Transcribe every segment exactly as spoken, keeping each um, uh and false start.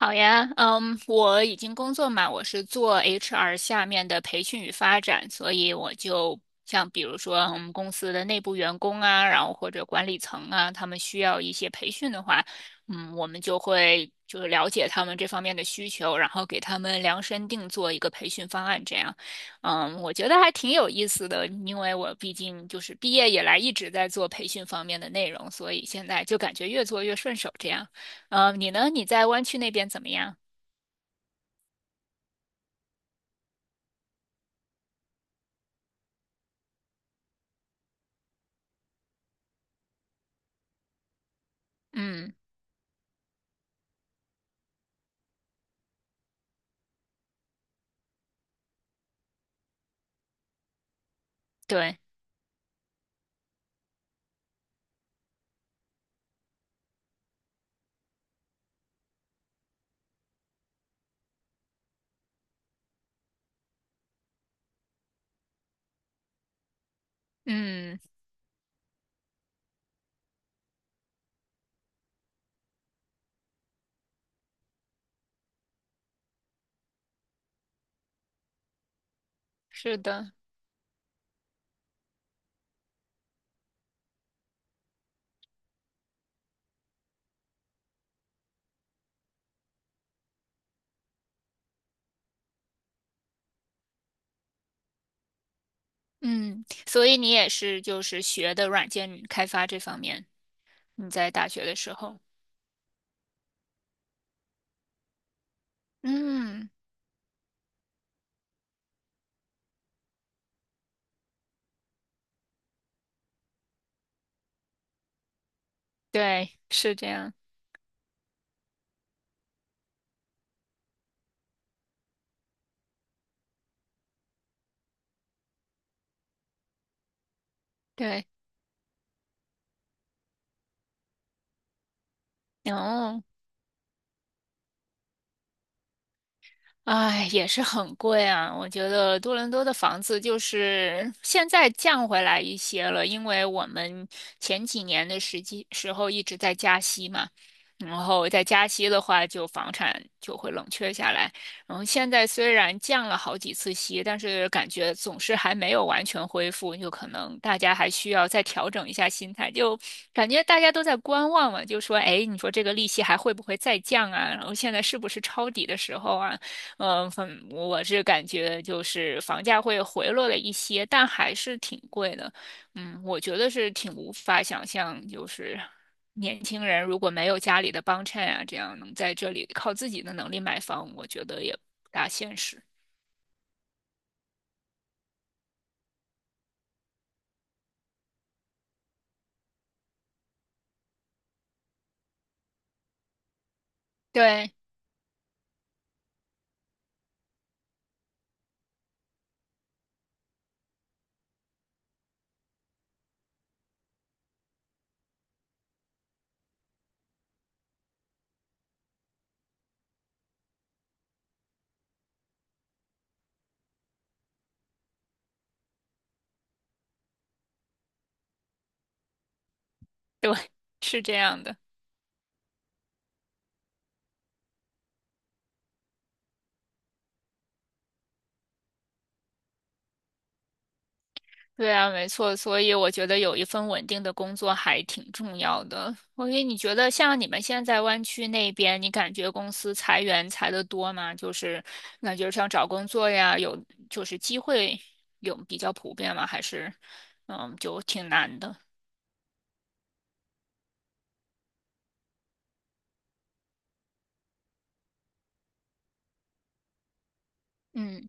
好呀，嗯，我已经工作嘛，我是做 H R 下面的培训与发展，所以我就像比如说我们公司的内部员工啊，然后或者管理层啊，他们需要一些培训的话，嗯，我们就会就是了解他们这方面的需求，然后给他们量身定做一个培训方案，这样，嗯，我觉得还挺有意思的，因为我毕竟就是毕业以来一直在做培训方面的内容，所以现在就感觉越做越顺手，这样。呃，你呢？你在湾区那边怎么样？嗯，对，嗯，是的，嗯，所以你也是就是学的软件开发这方面，你在大学的时候，嗯，对，是这样，对，哦。哎，也是很贵啊！我觉得多伦多的房子就是现在降回来一些了，因为我们前几年的时机时候一直在加息嘛，然后在加息的话，就房产就会冷却下来。然后现在虽然降了好几次息，但是感觉总是还没有完全恢复，就可能大家还需要再调整一下心态，就感觉大家都在观望嘛，就说，哎，你说这个利息还会不会再降啊？然后现在是不是抄底的时候啊？嗯，很我是感觉就是房价会回落了一些，但还是挺贵的。嗯，我觉得是挺无法想象，就是年轻人如果没有家里的帮衬啊，这样能在这里靠自己的能力买房，我觉得也不大现实。对对，是这样的。对啊，没错，所以我觉得有一份稳定的工作还挺重要的。所以你觉得像你们现在湾区那边，你感觉公司裁员裁的多吗？就是感觉像找工作呀，有就是机会有比较普遍吗？还是嗯，就挺难的？嗯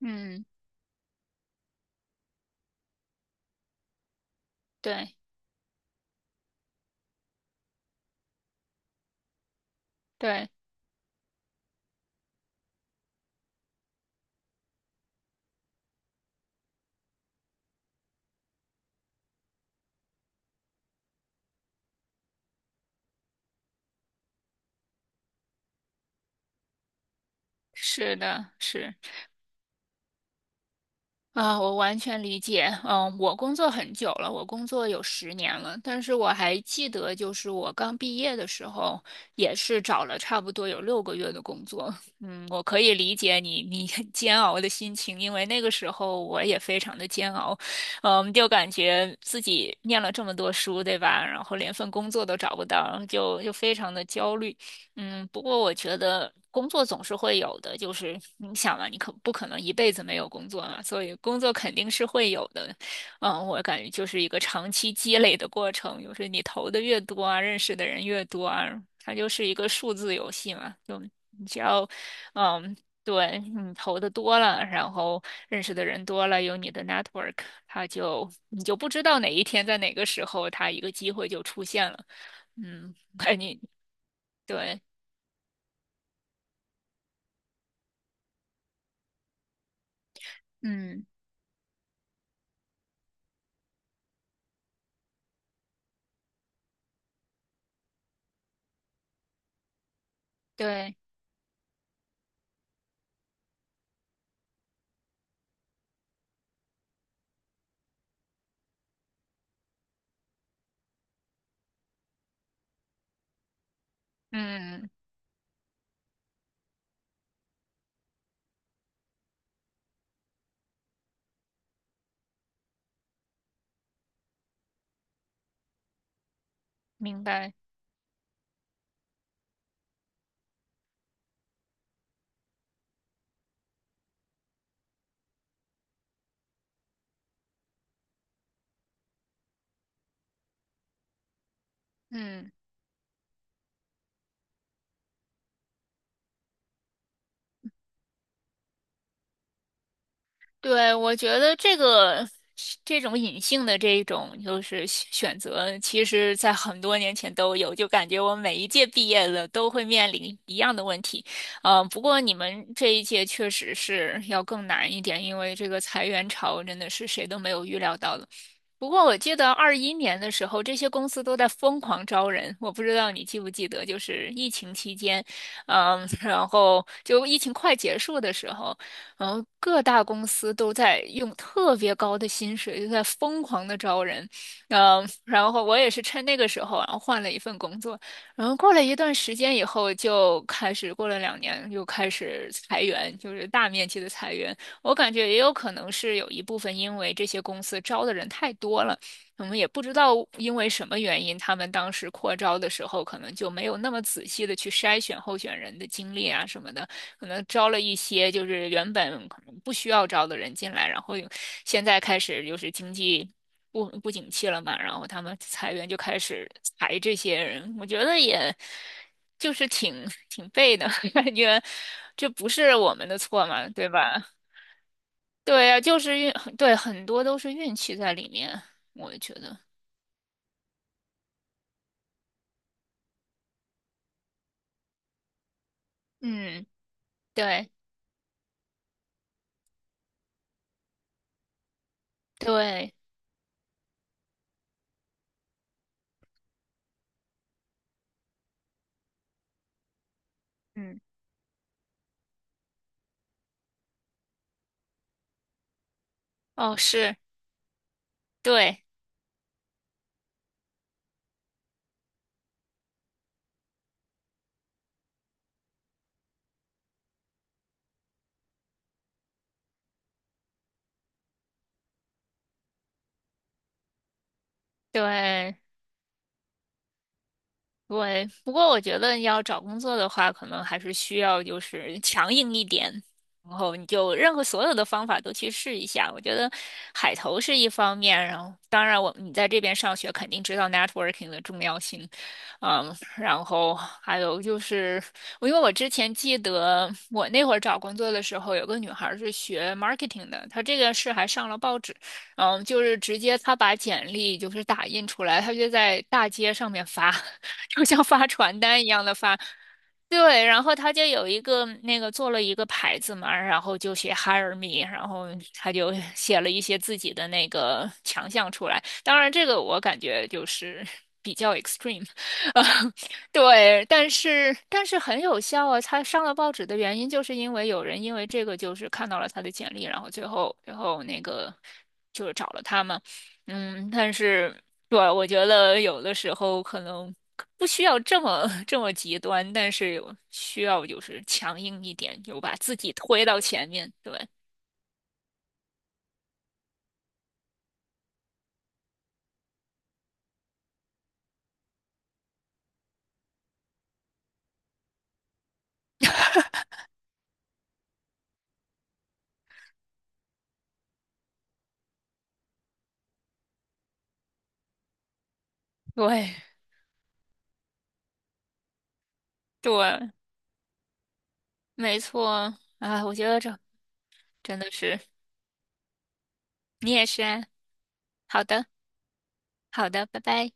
嗯，对对，是的，是。啊，我完全理解。嗯，我工作很久了，我工作有十年了，但是我还记得，就是我刚毕业的时候，也是找了差不多有六个月的工作。嗯，我可以理解你你很煎熬的心情，因为那个时候我也非常的煎熬。嗯，就感觉自己念了这么多书，对吧？然后连份工作都找不到，就就非常的焦虑。嗯，不过我觉得工作总是会有的，就是你想嘛，你可不可能一辈子没有工作嘛？所以工作肯定是会有的。嗯，我感觉就是一个长期积累的过程，就是你投的越多啊，认识的人越多啊，它就是一个数字游戏嘛。就你只要，嗯，对，你投的多了，然后认识的人多了，有你的 network，它就你就不知道哪一天在哪个时候，它一个机会就出现了。嗯，哎，你对。嗯。对，嗯，明白，嗯。对，我觉得这个这种隐性的这种就是选选择，其实在很多年前都有，就感觉我每一届毕业了都会面临一样的问题。嗯，不过你们这一届确实是要更难一点，因为这个裁员潮真的是谁都没有预料到的。不过我记得二一年的时候，这些公司都在疯狂招人，我不知道你记不记得，就是疫情期间，嗯，然后就疫情快结束的时候。然后各大公司都在用特别高的薪水，就在疯狂的招人，嗯，然后我也是趁那个时候，然后换了一份工作，然后过了一段时间以后，就开始过了两年，又开始裁员，就是大面积的裁员。我感觉也有可能是有一部分因为这些公司招的人太多了，我们也不知道因为什么原因，他们当时扩招的时候可能就没有那么仔细的去筛选候选人的经历啊什么的。可能招了一些就是原本可能不需要招的人进来，然后有现在开始就是经济不不景气了嘛，然后他们裁员就开始裁这些人，我觉得也就是挺挺背的 感觉，这不是我们的错嘛，对吧？对呀，就是运，对，很多都是运气在里面，我觉得，嗯，对对，嗯，哦，是，对对。对，不过我觉得要找工作的话，可能还是需要就是强硬一点，然后你就任何所有的方法都去试一下。我觉得海投是一方面，然后当然我你在这边上学肯定知道 networking 的重要性，嗯，然后还有就是我因为我之前记得我那会儿找工作的时候，有个女孩儿是学 marketing 的，她这个是还上了报纸，嗯，就是直接她把简历就是打印出来，她就在大街上面发。就像发传单一样的发。对，然后他就有一个那个做了一个牌子嘛，然后就写 Hire me，然后他就写了一些自己的那个强项出来。当然，这个我感觉就是 比较 extreme，呃，对，但是但是很有效啊。他上了报纸的原因，就是因为有人因为这个就是看到了他的简历，然后最后最后那个就是找了他嘛。嗯，但是对，我觉得有的时候可能不需要这么这么极端，但是有需要就是强硬一点，就把自己推到前面。对，对，对，没错啊，我觉得这真的是你也是啊。好的，好的，拜拜。